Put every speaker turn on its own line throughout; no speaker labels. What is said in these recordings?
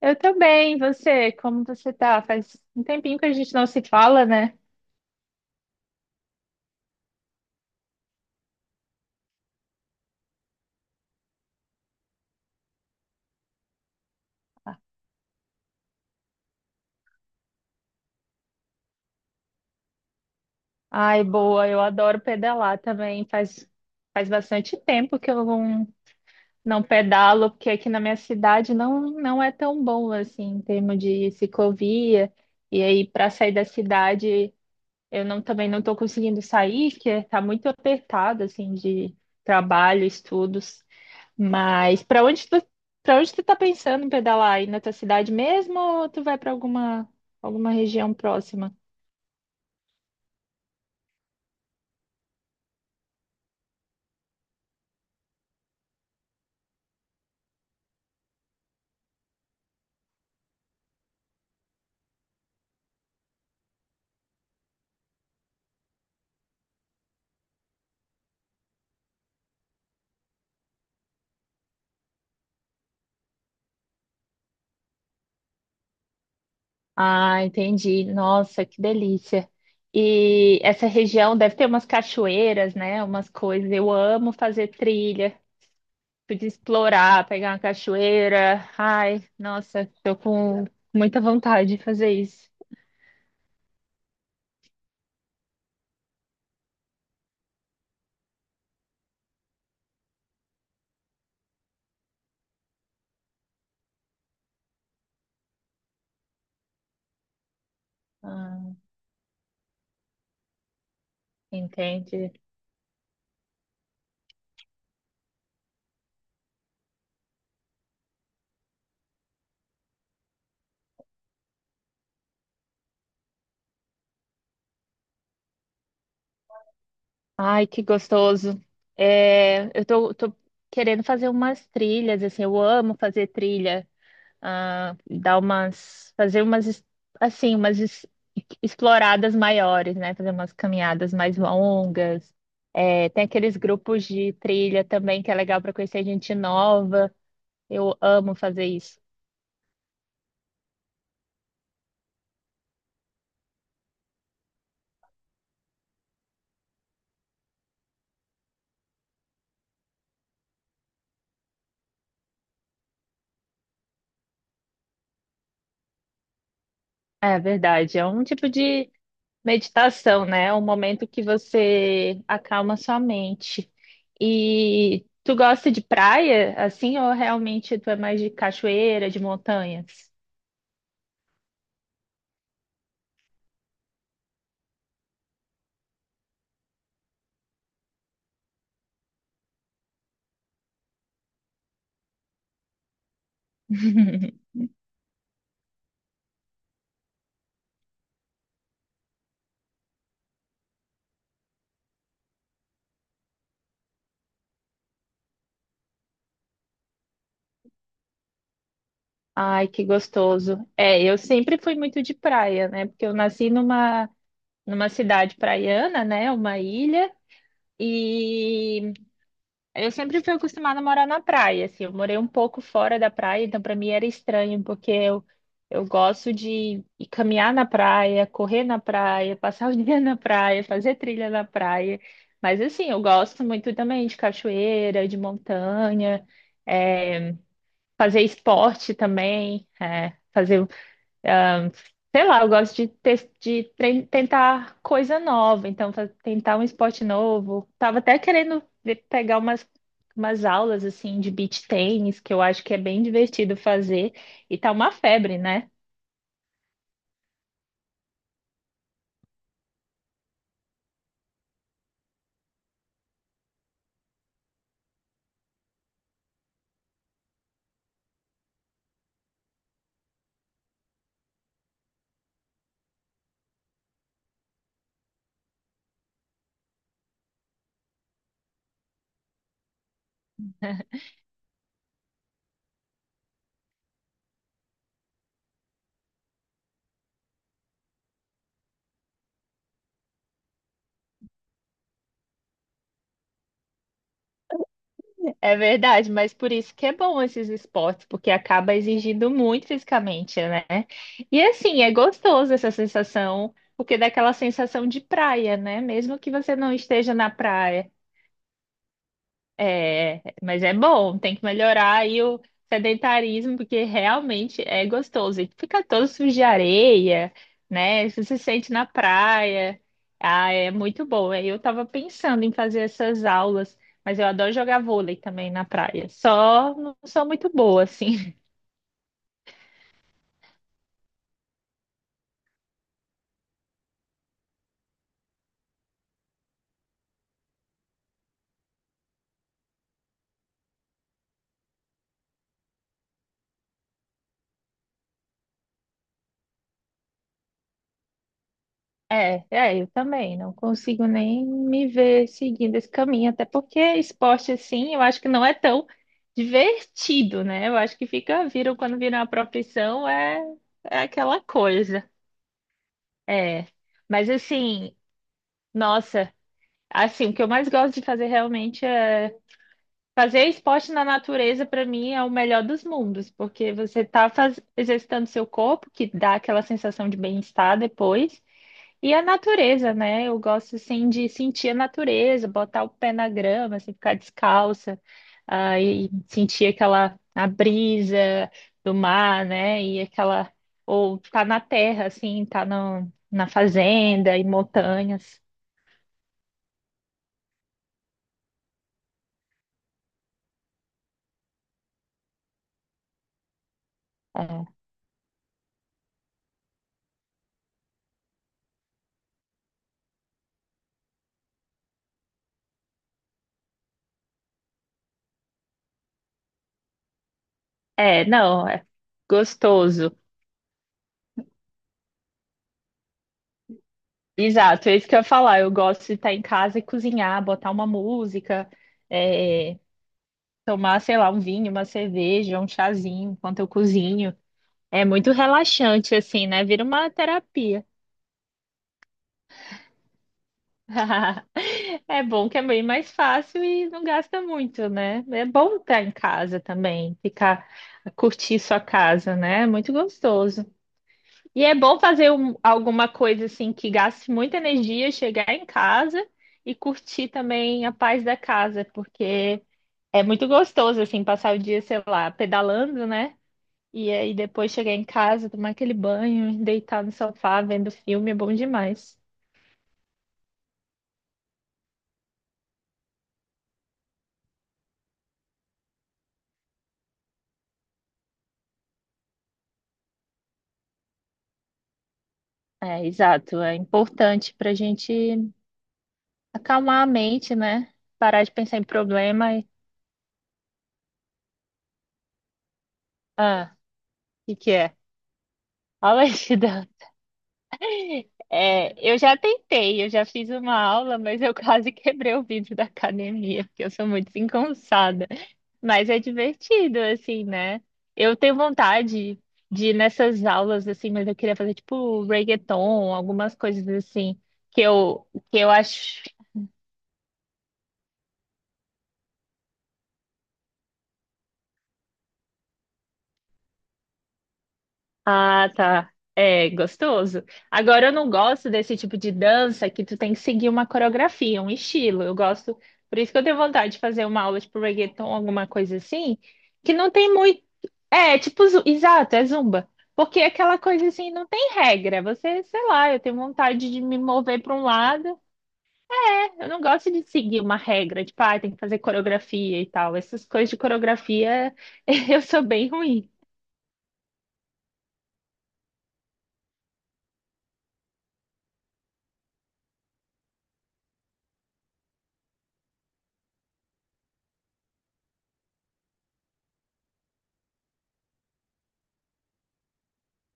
Eu também, você, como você tá? Faz um tempinho que a gente não se fala, né? Ai, boa, eu adoro pedalar também. Faz bastante tempo que eu não pedalo, porque aqui na minha cidade não é tão bom assim, em termos de ciclovia. E aí, para sair da cidade, Eu também não estou conseguindo sair, que está muito apertado, assim, de trabalho, estudos. Mas para onde tu tá pensando em pedalar? Aí na tua cidade mesmo ou tu vai para alguma região próxima? Ah, entendi. Nossa, que delícia. E essa região deve ter umas cachoeiras, né? Umas coisas. Eu amo fazer trilha, podia explorar, pegar uma cachoeira. Ai, nossa, tô com muita vontade de fazer isso. Ah. Entende? Ai, que gostoso. É, eu tô querendo fazer umas trilhas, assim, eu amo fazer trilha, dar umas, fazer umas exploradas maiores, né? Fazer umas caminhadas mais longas. É, tem aqueles grupos de trilha também que é legal para conhecer gente nova. Eu amo fazer isso. É verdade, é um tipo de meditação, né? É um momento que você acalma sua mente. E tu gosta de praia, assim, ou realmente tu é mais de cachoeira, de montanhas? Ai, que gostoso. É, eu sempre fui muito de praia, né? Porque eu nasci numa cidade praiana, né? Uma ilha. E eu sempre fui acostumada a morar na praia, assim, eu morei um pouco fora da praia, então para mim era estranho, porque eu gosto de ir caminhar na praia, correr na praia, passar o dia na praia, fazer trilha na praia, mas assim, eu gosto muito também de cachoeira, de montanha, é, fazer esporte também, fazer... Sei lá, eu gosto de tentar coisa nova, então tentar um esporte novo. Tava até querendo pegar umas aulas assim de beach tennis, que eu acho que é bem divertido fazer, e tá uma febre, né? É verdade, mas por isso que é bom esses esportes, porque acaba exigindo muito fisicamente, né? E assim, é gostoso essa sensação, porque dá aquela sensação de praia, né? Mesmo que você não esteja na praia. É, mas é bom, tem que melhorar aí o sedentarismo, porque realmente é gostoso. E fica todo sujo de areia, né? Você se sente na praia. Ah, é muito bom. Aí eu estava pensando em fazer essas aulas, mas eu adoro jogar vôlei também na praia. Só não sou muito boa, assim. Eu também não consigo nem me ver seguindo esse caminho, até porque esporte assim, eu acho que não é tão divertido, né? Eu acho que fica, viram quando vira uma profissão, é aquela coisa. É, mas assim, nossa, assim, o que eu mais gosto de fazer realmente é fazer esporte na natureza, para mim, é o melhor dos mundos, porque você tá exercitando seu corpo, que dá aquela sensação de bem-estar depois. E a natureza, né? Eu gosto assim de sentir a natureza, botar o pé na grama, assim, ficar descalça, ah, e sentir aquela a brisa do mar, né? E aquela ou tá na terra, assim, tá no, na fazenda e montanhas. Não, é gostoso. Exato, é isso que eu ia falar. Eu gosto de estar em casa e cozinhar, botar uma música, é, tomar, sei lá, um vinho, uma cerveja, um chazinho enquanto eu cozinho. É muito relaxante, assim, né? Vira uma terapia. É bom que é bem mais fácil e não gasta muito, né? É bom estar em casa também, ficar, curtir sua casa, né? É muito gostoso. E é bom fazer alguma coisa assim que gaste muita energia, chegar em casa e curtir também a paz da casa, porque é muito gostoso assim passar o dia, sei lá, pedalando, né? E aí depois chegar em casa, tomar aquele banho, deitar no sofá vendo filme é bom demais. É, exato. É importante para a gente acalmar a mente, né? Parar de pensar em problema e... Ah, o que que é? Alexida. É, eu já tentei, eu já fiz uma aula, mas eu quase quebrei o vidro da academia, porque eu sou muito desengonçada. Mas é divertido, assim, né? Eu tenho vontade de ir nessas aulas, assim, mas eu queria fazer, tipo, reggaeton, algumas coisas assim, que eu, que eu acho. Ah, tá. É gostoso. Agora, eu não gosto desse tipo de dança que tu tem que seguir uma coreografia, um estilo. Eu gosto, por isso que eu tenho vontade de fazer uma aula tipo reggaeton, alguma coisa assim, que não tem muito. É, exato, é zumba. Porque aquela coisa assim não tem regra. Você, sei lá, eu tenho vontade de me mover para um lado. É, eu não gosto de seguir uma regra, tipo, ah, tem que fazer coreografia e tal. Essas coisas de coreografia eu sou bem ruim.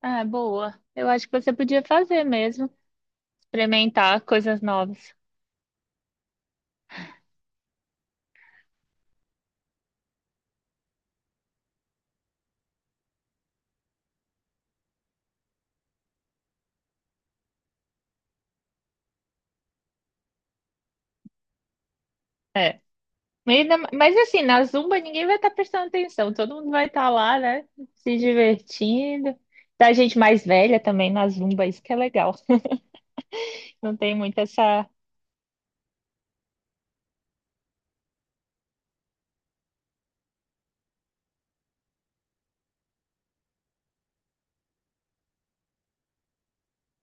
Ah, boa. Eu acho que você podia fazer mesmo, experimentar coisas novas. É. Mas assim, na Zumba ninguém vai estar prestando atenção, todo mundo vai estar lá, né? Se divertindo. Da gente mais velha também na Zumba, isso que é legal. Não tem muito essa.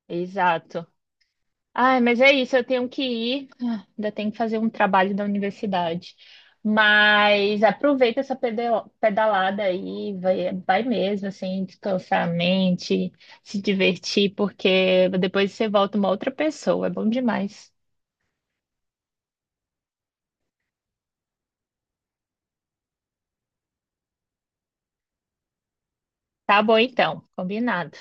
Exato. Ai, mas é isso, eu tenho que ir. Ah, ainda tenho que fazer um trabalho da universidade. Mas aproveita essa pedalada aí, vai mesmo, assim, descansar a mente, se divertir, porque depois você volta uma outra pessoa. É bom demais. Tá bom, então, combinado.